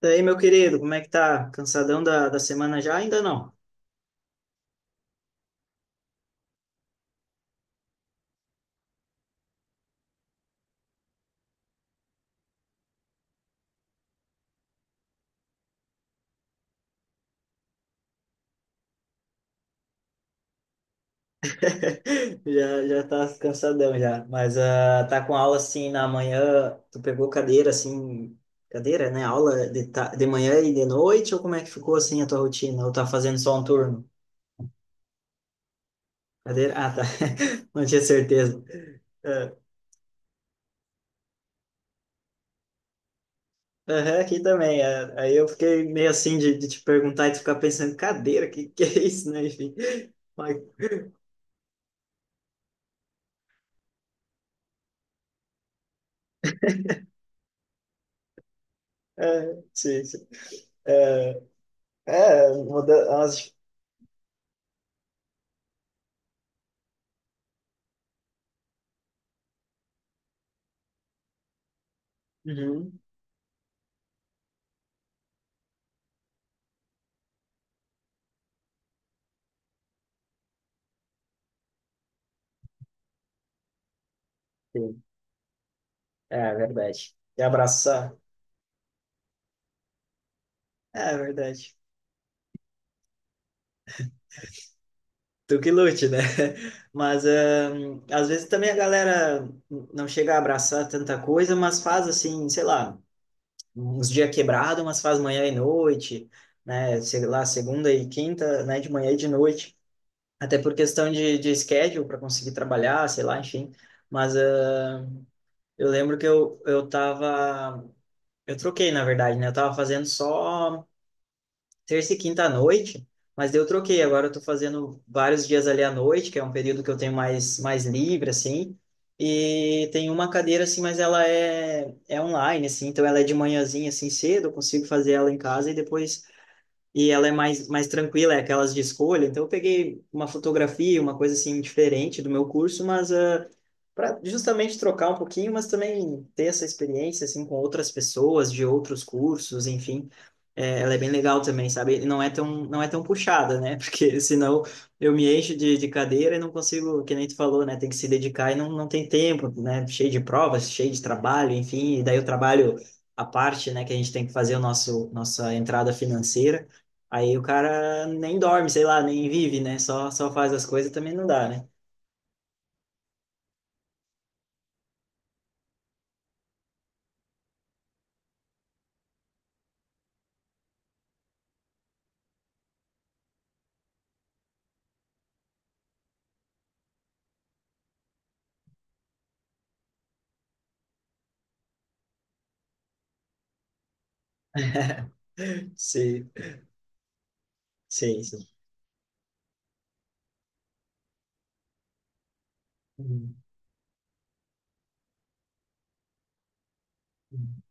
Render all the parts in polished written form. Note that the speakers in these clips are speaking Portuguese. Daí, meu querido, como é que tá? Cansadão da semana já? Ainda não. Já tá cansadão já. Mas tá com aula assim na manhã. Tu pegou cadeira assim, cadeira, né? Aula de manhã e de noite? Ou como é que ficou assim a tua rotina? Ou tá fazendo só um turno? Cadeira? Ah, tá. Não tinha certeza. É, aham, aqui também. É. Aí eu fiquei meio assim de te perguntar e tu ficar pensando, cadeira, que é isso, né? Enfim. Mas, é, sim, sim. Ah, é, muda umas. Uhum, sim. É verdade. E abraçar. É verdade. Tu que lute, né? Mas às vezes também a galera não chega a abraçar tanta coisa, mas faz assim, sei lá, uns dias quebrado, mas faz manhã e noite, né? Sei lá, segunda e quinta, né? De manhã e de noite. Até por questão de schedule para conseguir trabalhar, sei lá, enfim. Mas eu tava. Eu troquei, na verdade, né? Eu tava fazendo só terça e quinta à noite, mas daí eu troquei. Agora eu tô fazendo vários dias ali à noite, que é um período que eu tenho mais livre, assim. E tem uma cadeira, assim, mas ela é online, assim, então ela é de manhãzinha, assim, cedo, eu consigo fazer ela em casa e depois. E ela é mais tranquila, é aquelas de escolha. Então eu peguei uma fotografia, uma coisa, assim, diferente do meu curso, mas para justamente trocar um pouquinho, mas também ter essa experiência, assim, com outras pessoas de outros cursos, enfim. É, ela é bem legal também, sabe? E não é tão puxada, né? Porque senão eu me encho de cadeira e não consigo, que nem tu falou, né? Tem que se dedicar e não tem tempo, né? Cheio de provas, cheio de trabalho, enfim. E daí o trabalho a parte, né? Que a gente tem que fazer o nossa entrada financeira. Aí o cara nem dorme, sei lá, nem vive, né? Só faz as coisas também não dá, né? Sim, sim, sim. Uhum.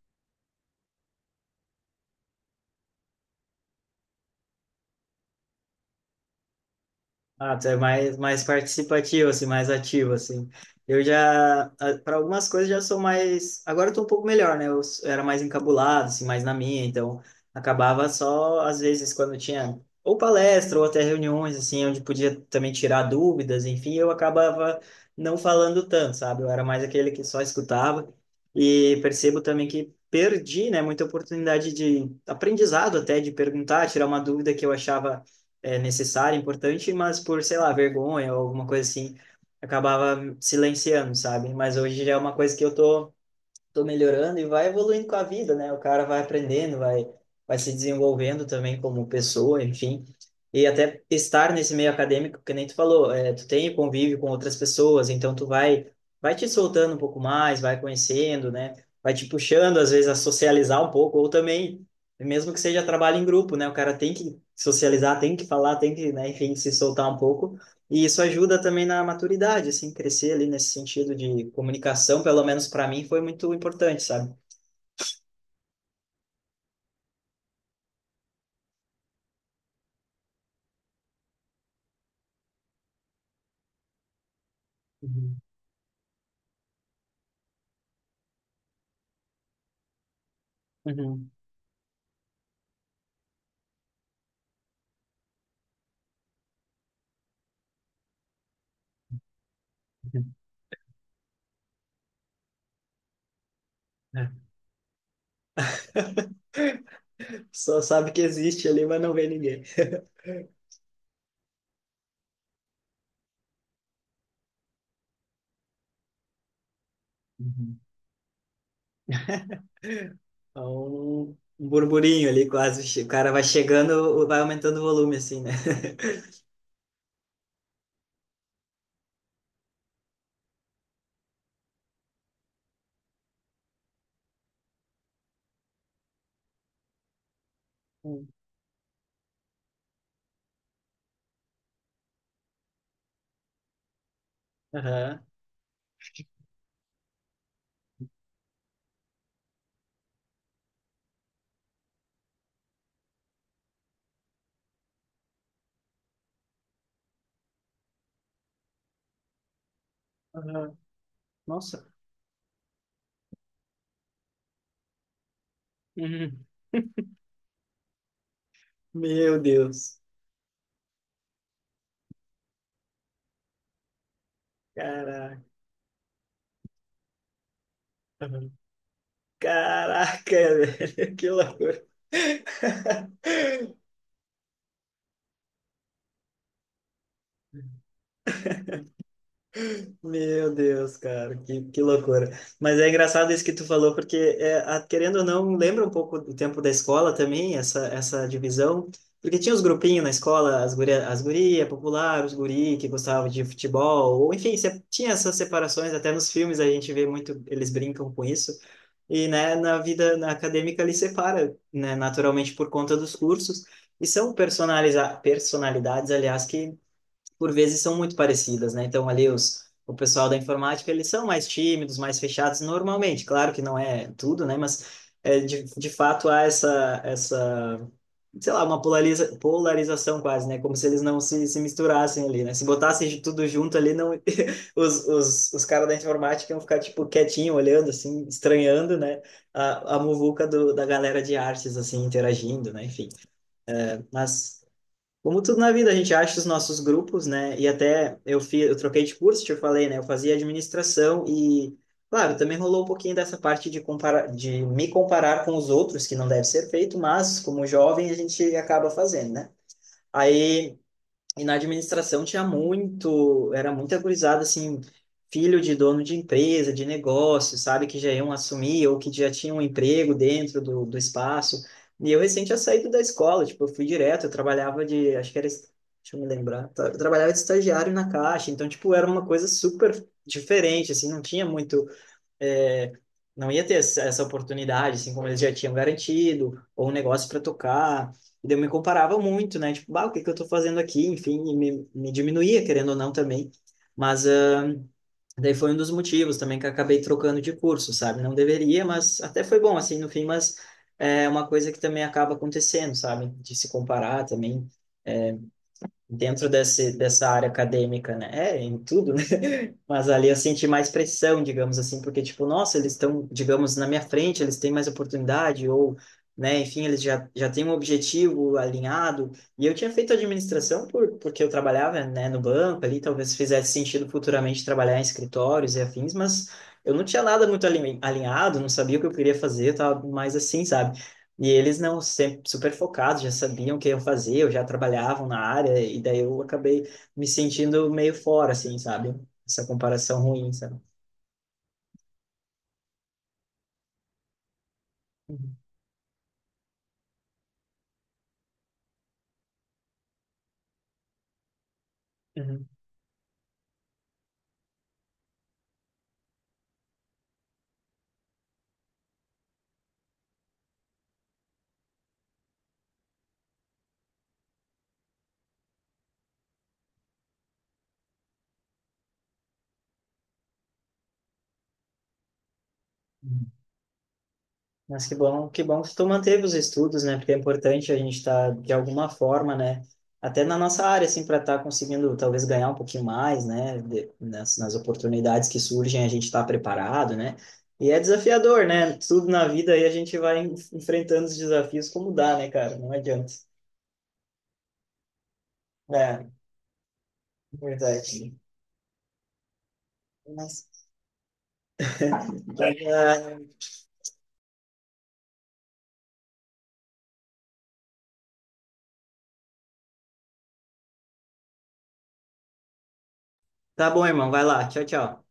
Ah, tu é mais participativo, assim, mais ativo, assim. Eu já, para algumas coisas, já sou mais. Agora eu tô um pouco melhor, né? Era mais encabulado, assim, mais na minha, então acabava só, às vezes, quando tinha ou palestra ou até reuniões, assim, onde podia também tirar dúvidas, enfim, eu acabava não falando tanto, sabe? Eu era mais aquele que só escutava. E percebo também que perdi, né, muita oportunidade de aprendizado até, de perguntar, tirar uma dúvida que eu achava é necessária, importante, mas por, sei lá, vergonha ou alguma coisa assim, acabava silenciando, sabe? Mas hoje já é uma coisa que eu tô melhorando e vai evoluindo com a vida, né? O cara vai aprendendo, vai se desenvolvendo também como pessoa, enfim. E até estar nesse meio acadêmico, que nem tu falou, é, tu tem convívio com outras pessoas, então vai te soltando um pouco mais, vai conhecendo, né? Vai te puxando, às vezes, a socializar um pouco, ou também, mesmo que seja trabalho em grupo, né? O cara tem que socializar, tem que falar, tem que, né, enfim, se soltar um pouco. E isso ajuda também na maturidade, assim, crescer ali nesse sentido de comunicação, pelo menos para mim, foi muito importante, sabe? Uhum, uhum, uhum. É. Só sabe que existe ali, mas não vê ninguém. Uhum. Há um burburinho ali, quase. O cara vai chegando, vai aumentando o volume, assim, né? Uhum. Aham. Uhum. Nossa. Uhum. Meu Deus. Caraca. Uhum. Caraca, velho. Que loucura. Meu Deus, cara, que loucura. Mas é engraçado isso que tu falou, porque, é, querendo ou não, lembra um pouco do tempo da escola também, essa divisão. Porque tinha os grupinhos na escola, as guria popular, os guri que gostavam de futebol, ou enfim, tinha essas separações, até nos filmes a gente vê muito, eles brincam com isso. E, né, na vida na acadêmica ele separa, né, naturalmente por conta dos cursos. E são personaliza personalidades, aliás, que por vezes são muito parecidas, né? Então ali os o pessoal da informática eles são mais tímidos, mais fechados normalmente. Claro que não é tudo, né? Mas é, de fato há essa sei lá uma polarização quase, né? Como se eles não se misturassem ali, né? Se botassem de tudo junto ali, não os caras da informática iam ficar tipo quietinho olhando assim, estranhando, né? A muvuca da galera de artes assim interagindo, né? Enfim, mas como tudo na vida, a gente acha os nossos grupos, né? E até eu fiz, eu troquei de curso, te falei, né? Eu fazia administração e, claro, também rolou um pouquinho dessa parte de comparar, de me comparar com os outros, que não deve ser feito, mas como jovem a gente acaba fazendo, né? Aí e na administração tinha muito, era muito gurizada, assim, filho de dono de empresa, de negócio, sabe, que já iam assumir ou que já tinham um emprego dentro do espaço. E eu recente tinha saído da escola, tipo, eu fui direto, eu trabalhava de, acho que era, deixa eu me lembrar, tá, eu trabalhava de estagiário na Caixa, então, tipo, era uma coisa super diferente, assim, não tinha muito é, não ia ter essa oportunidade, assim como eles já tinham garantido, ou um negócio para tocar. E daí eu me comparava muito, né? Tipo, bah, o que que eu tô fazendo aqui? Enfim, me diminuía, querendo ou não, também. Mas daí foi um dos motivos também que eu acabei trocando de curso, sabe? Não deveria, mas até foi bom, assim, no fim, mas é uma coisa que também acaba acontecendo, sabe? De se comparar também. É, dentro dessa área acadêmica, né? É, em tudo, né? Mas ali eu senti mais pressão, digamos assim, porque, tipo, nossa, eles estão, digamos, na minha frente, eles têm mais oportunidade, ou, né, enfim, já têm um objetivo alinhado. E eu tinha feito administração porque eu trabalhava, né, no banco ali, talvez fizesse sentido futuramente trabalhar em escritórios e afins, mas eu não tinha nada muito alinhado, não sabia o que eu queria fazer, eu tava mais assim, sabe? E eles não, sempre super focados, já sabiam o que eu fazia, eu já trabalhavam na área, e daí eu acabei me sentindo meio fora, assim, sabe? Essa comparação ruim, sabe? Uhum. Uhum. Uhum. Mas que bom que tu manteve os estudos, né? Porque é importante a gente estar, de alguma forma, né? Até na nossa área, assim, para estar conseguindo talvez ganhar um pouquinho mais, né? De, nas oportunidades que surgem, a gente está preparado, né? E é desafiador, né? Tudo na vida aí a gente vai enfrentando os desafios como dá, né, cara? Não adianta. É, verdade. Mas, ah, tá bom, irmão. Vai lá. Tchau, tchau.